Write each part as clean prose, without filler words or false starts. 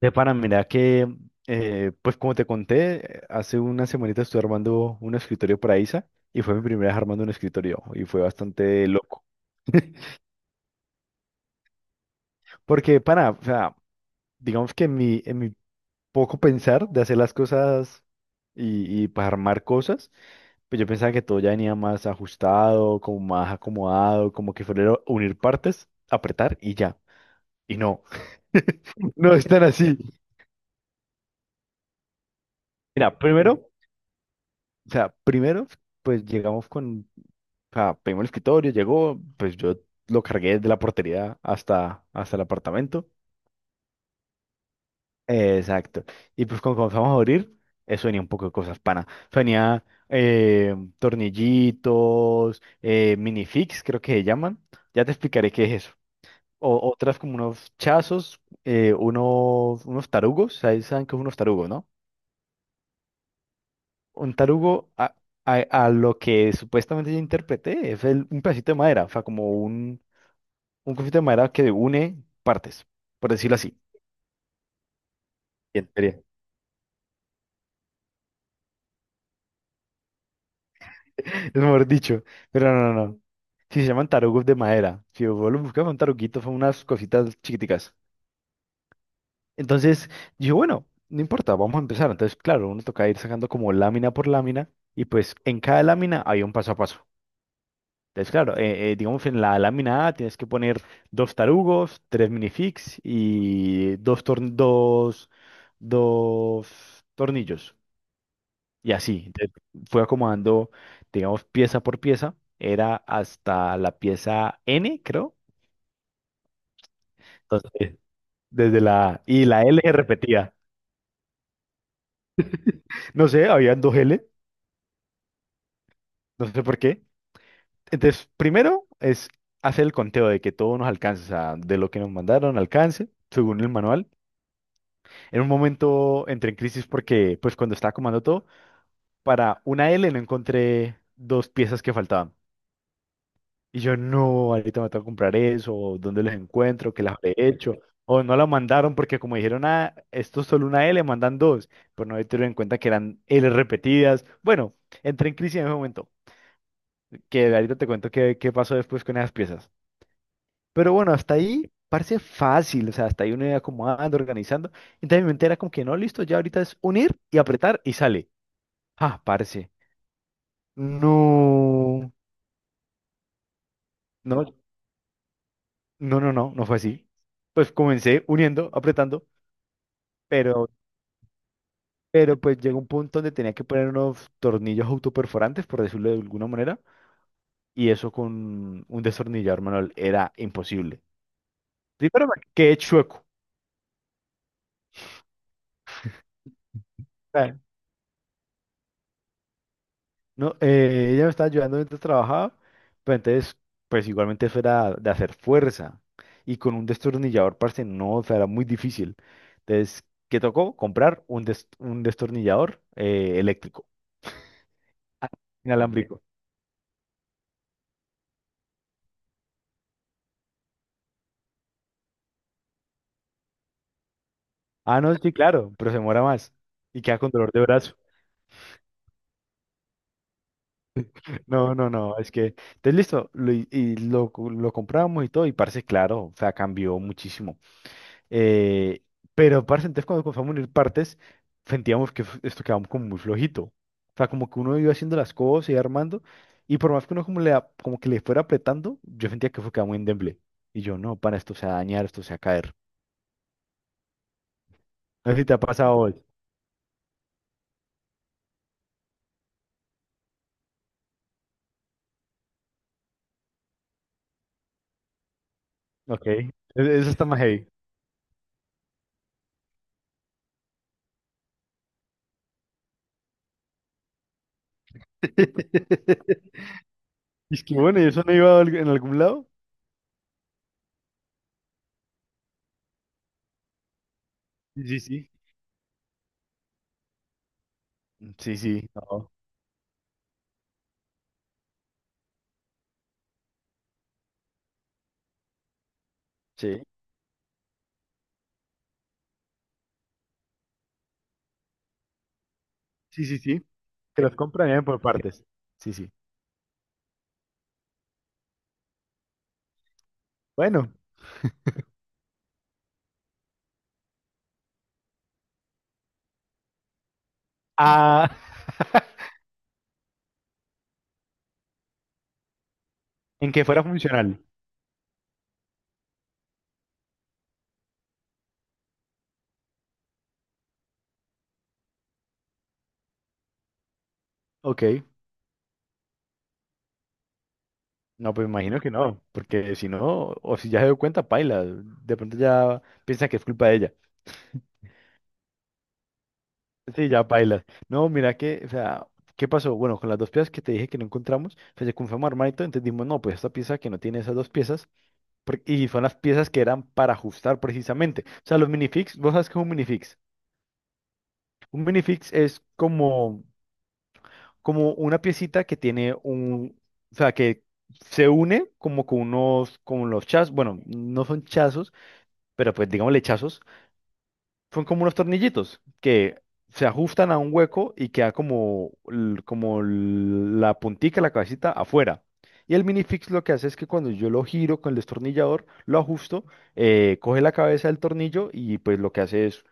De pana, mira que, pues como te conté, hace una semanita estuve armando un escritorio para Isa y fue mi primera vez armando un escritorio y fue bastante loco. Porque, pana, o sea, digamos que en mi poco pensar de hacer las cosas y pues armar cosas, pues yo pensaba que todo ya venía más ajustado, como más acomodado, como que fuera unir partes, apretar y ya. Y no, no es tan así. Mira, primero, o sea, pues llegamos con. O sea, pedimos el escritorio, llegó, pues yo lo cargué desde la portería hasta el apartamento. Exacto. Y pues cuando comenzamos a abrir, eso venía un poco de cosas, pana. Eso venía, eh, tornillitos, minifix, creo que se llaman. Ya te explicaré qué es eso. Otras como unos chazos, unos tarugos, ¿sabes? ¿Saben qué es unos tarugos, no? Un tarugo a lo que supuestamente yo interpreté es un pedacito de madera, o sea, como un. Un conflicto de madera que une partes, por decirlo así. En teoría, es mejor dicho. Pero no, no, no. Sí se llaman tarugos de madera. Si vos lo buscas, un taruguito, son unas cositas chiquiticas. Entonces, yo, bueno, no importa, vamos a empezar. Entonces, claro, uno toca ir sacando como lámina por lámina. Y pues en cada lámina hay un paso a paso. Entonces, claro, digamos en la lámina A tienes que poner dos tarugos, tres minifigs y dos tornillos. Y así, entonces, fui acomodando, digamos, pieza por pieza, era hasta la pieza N, creo. Entonces, desde la y la L se repetía. No sé, habían dos L, no sé por qué. Entonces, primero es hacer el conteo de que todo nos alcance, o sea, de lo que nos mandaron alcance, según el manual. En un momento entré en crisis porque, pues, cuando estaba acomodando todo, para una L no encontré dos piezas que faltaban. Y yo, no, ahorita me tengo que comprar eso, o dónde los encuentro, qué las habré hecho, o no la mandaron porque como dijeron, ah, esto es solo una L, mandan dos, pero no tenido en cuenta que eran L repetidas. Bueno, entré en crisis en ese momento, que ahorita te cuento qué pasó después con esas piezas. Pero bueno, hasta ahí parece fácil, o sea, hasta ahí uno iba acomodando, organizando, entonces mi mente era como que no, listo, ya ahorita es unir y apretar y sale. Ah, parce, no, no, no fue así. Pues comencé uniendo, apretando. Pero, pero pues llegó un punto donde tenía que poner unos tornillos autoperforantes, por decirlo de alguna manera, y eso con un destornillador manual era imposible. Sí, pero me quedé chueco. Claro. No, ella me estaba ayudando mientras trabajaba, pero entonces, pues igualmente eso era de hacer fuerza. Y con un destornillador, parce, no, o sea, era muy difícil. Entonces, ¿qué tocó? Comprar un destornillador eléctrico, ah, inalámbrico. Ah, no, sí, claro, pero se muera más y queda con dolor de brazo. No, no, no, es que, entonces listo, lo compramos y todo, y parce, claro, o sea, cambió muchísimo. Eh, pero parce, entonces cuando comenzamos a unir partes, sentíamos que esto quedaba como muy flojito. O sea, como que uno iba haciendo las cosas y armando, y por más que uno como, como que le fuera apretando, yo sentía que fue quedaba muy endeble. Y yo, no, para esto se va a dañar, esto se va a caer. No sé si te ha pasado hoy. Ok, eso está más heavy. Y es que bueno, ¿y eso no iba a en algún lado? Sí, sí. Sí, sí, sí, no. Sí. Sí, sí, sí. Que los compran bien por partes. Sí, sí. Bueno, ah, en que fuera funcional. Ok. No, pues imagino que no, porque si no, o si ya se dio cuenta, paila. De pronto ya piensa que es culpa de ella. Sí, ya paila. No, mira que, o sea, ¿qué pasó? Bueno, con las dos piezas que te dije que no encontramos, pues se confirmó armadito, entonces dijimos, no, pues esta pieza que no tiene esas dos piezas, y son las piezas que eran para ajustar precisamente. O sea, los minifix, vos sabes que es un minifix. Un minifix es como como una piecita que tiene un, o sea, que se une como con unos, con los chazos, bueno, no son chazos, pero pues digámosle chazos, son como unos tornillitos que se ajustan a un hueco y queda como, como la puntica, la cabecita afuera. Y el minifix lo que hace es que cuando yo lo giro con el destornillador, lo ajusto, coge la cabeza del tornillo y pues lo que hace es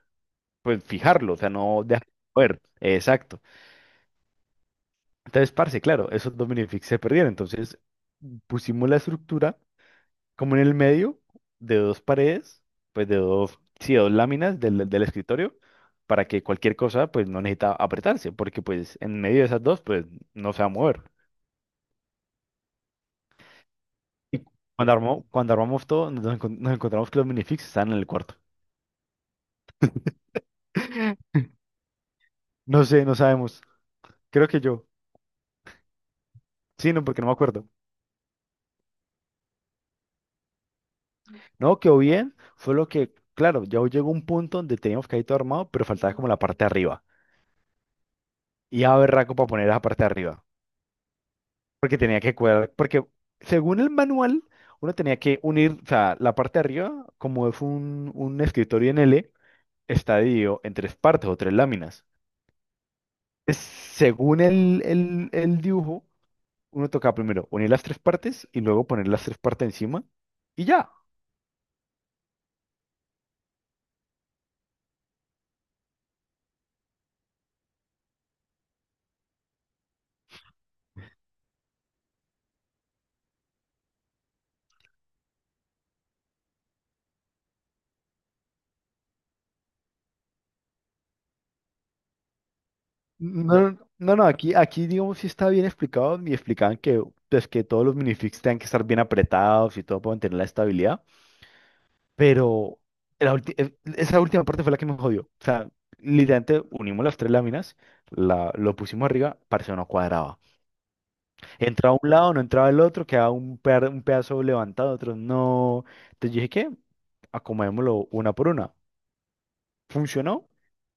pues fijarlo, o sea, no deja de mover. Exacto. Entonces, parce, claro, esos Dominifix se perdieron. Entonces, pusimos la estructura como en el medio de dos paredes, pues de dos, sí, de dos láminas del escritorio, para que cualquier cosa, pues no necesita apretarse, porque pues en medio de esas dos, pues no se va a mover. Y cuando armó, cuando armamos todo, nos encontramos que los minifix están en el cuarto. No sé, no sabemos. Creo que yo. Sí, no, porque no me acuerdo. No, quedó bien. Fue lo que, claro, ya llegó un punto donde teníamos que ir todo armado, pero faltaba como la parte de arriba. Y a berraco para poner esa parte de arriba. Porque tenía que cuadrar, porque según el manual, uno tenía que unir, o sea, la parte de arriba, como es un escritorio en L, está dividido en tres partes o tres láminas. Según el dibujo, uno toca primero unir las tres partes y luego poner las tres partes encima y ya. No, no, no, aquí digamos sí está bien explicado, me explicaban que, pues, que todos los minifigs tengan que estar bien apretados y todo para mantener la estabilidad. Pero esa última parte fue la que me jodió. O sea, literalmente unimos las tres láminas, lo pusimos arriba, parce, no cuadraba. Entraba un lado, no entraba el otro, quedaba un pedazo levantado, otro no. Entonces dije, ¿qué? Acomodémoslo una por una. Funcionó,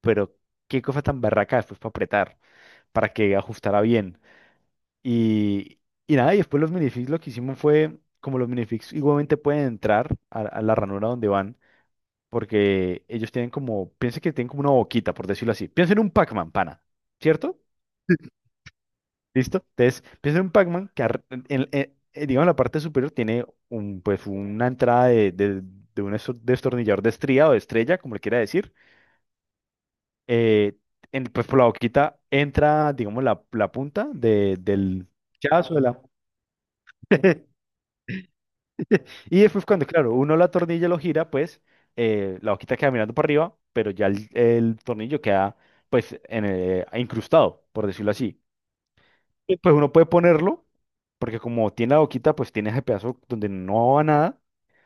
pero qué cosa tan barraca después para apretar, para que ajustara bien. Y, y nada, y después los minifix lo que hicimos fue, como los minifix igualmente pueden entrar a la ranura donde van. Porque ellos tienen como, piensen que tienen como una boquita, por decirlo así. Piensen en un Pac-Man, pana, ¿cierto? ¿Listo? Entonces, piensen en un Pac-Man que, en, digamos, en la parte superior tiene un, pues, una entrada de un destornillador de estría o de estrella, como le quiera decir. Eh, pues por la boquita entra, digamos, la punta del chazo de la... Y después cuando, claro, uno la tornilla lo gira, pues la boquita queda mirando para arriba, pero ya el tornillo queda pues en incrustado, por decirlo así. Sí. Pues uno puede ponerlo, porque como tiene la boquita, pues tiene ese pedazo donde no va nada,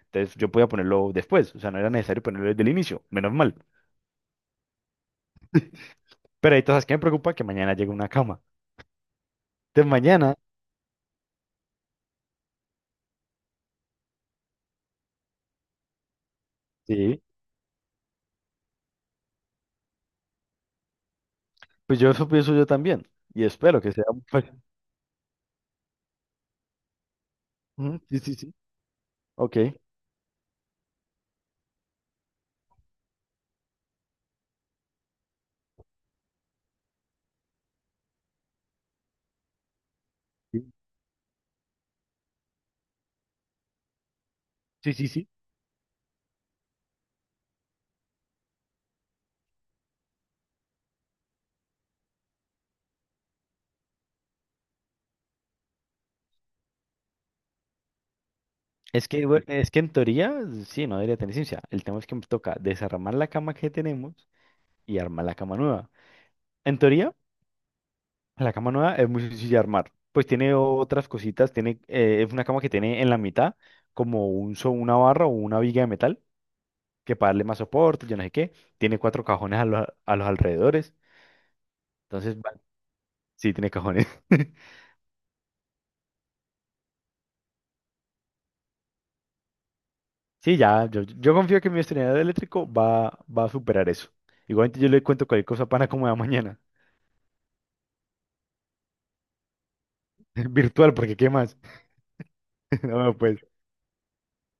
entonces yo podía ponerlo después, o sea, no era necesario ponerlo desde el inicio, menos mal. Pero ahí entonces, ¿qué me preocupa? Que mañana llegue una cama. Entonces mañana, sí, pues yo eso pienso yo también, y espero que sea... un. Ujú, sí, sí, sí. Ok. Sí, sí, sí. Es que, es que en teoría, sí, no debería tener ciencia. El tema es que me toca desarmar la cama que tenemos y armar la cama nueva. En teoría, la cama nueva es muy sencilla de armar. Pues tiene otras cositas, tiene, es una cama que tiene en la mitad como una barra o una viga de metal que para darle más soporte, yo no sé qué. Tiene cuatro cajones a los alrededores. Entonces, sí, tiene cajones. Sí, ya, yo confío que mi estrenador eléctrico va a superar eso. Igualmente yo le cuento cualquier cosa para como de mañana. Virtual, porque ¿qué más? No, pues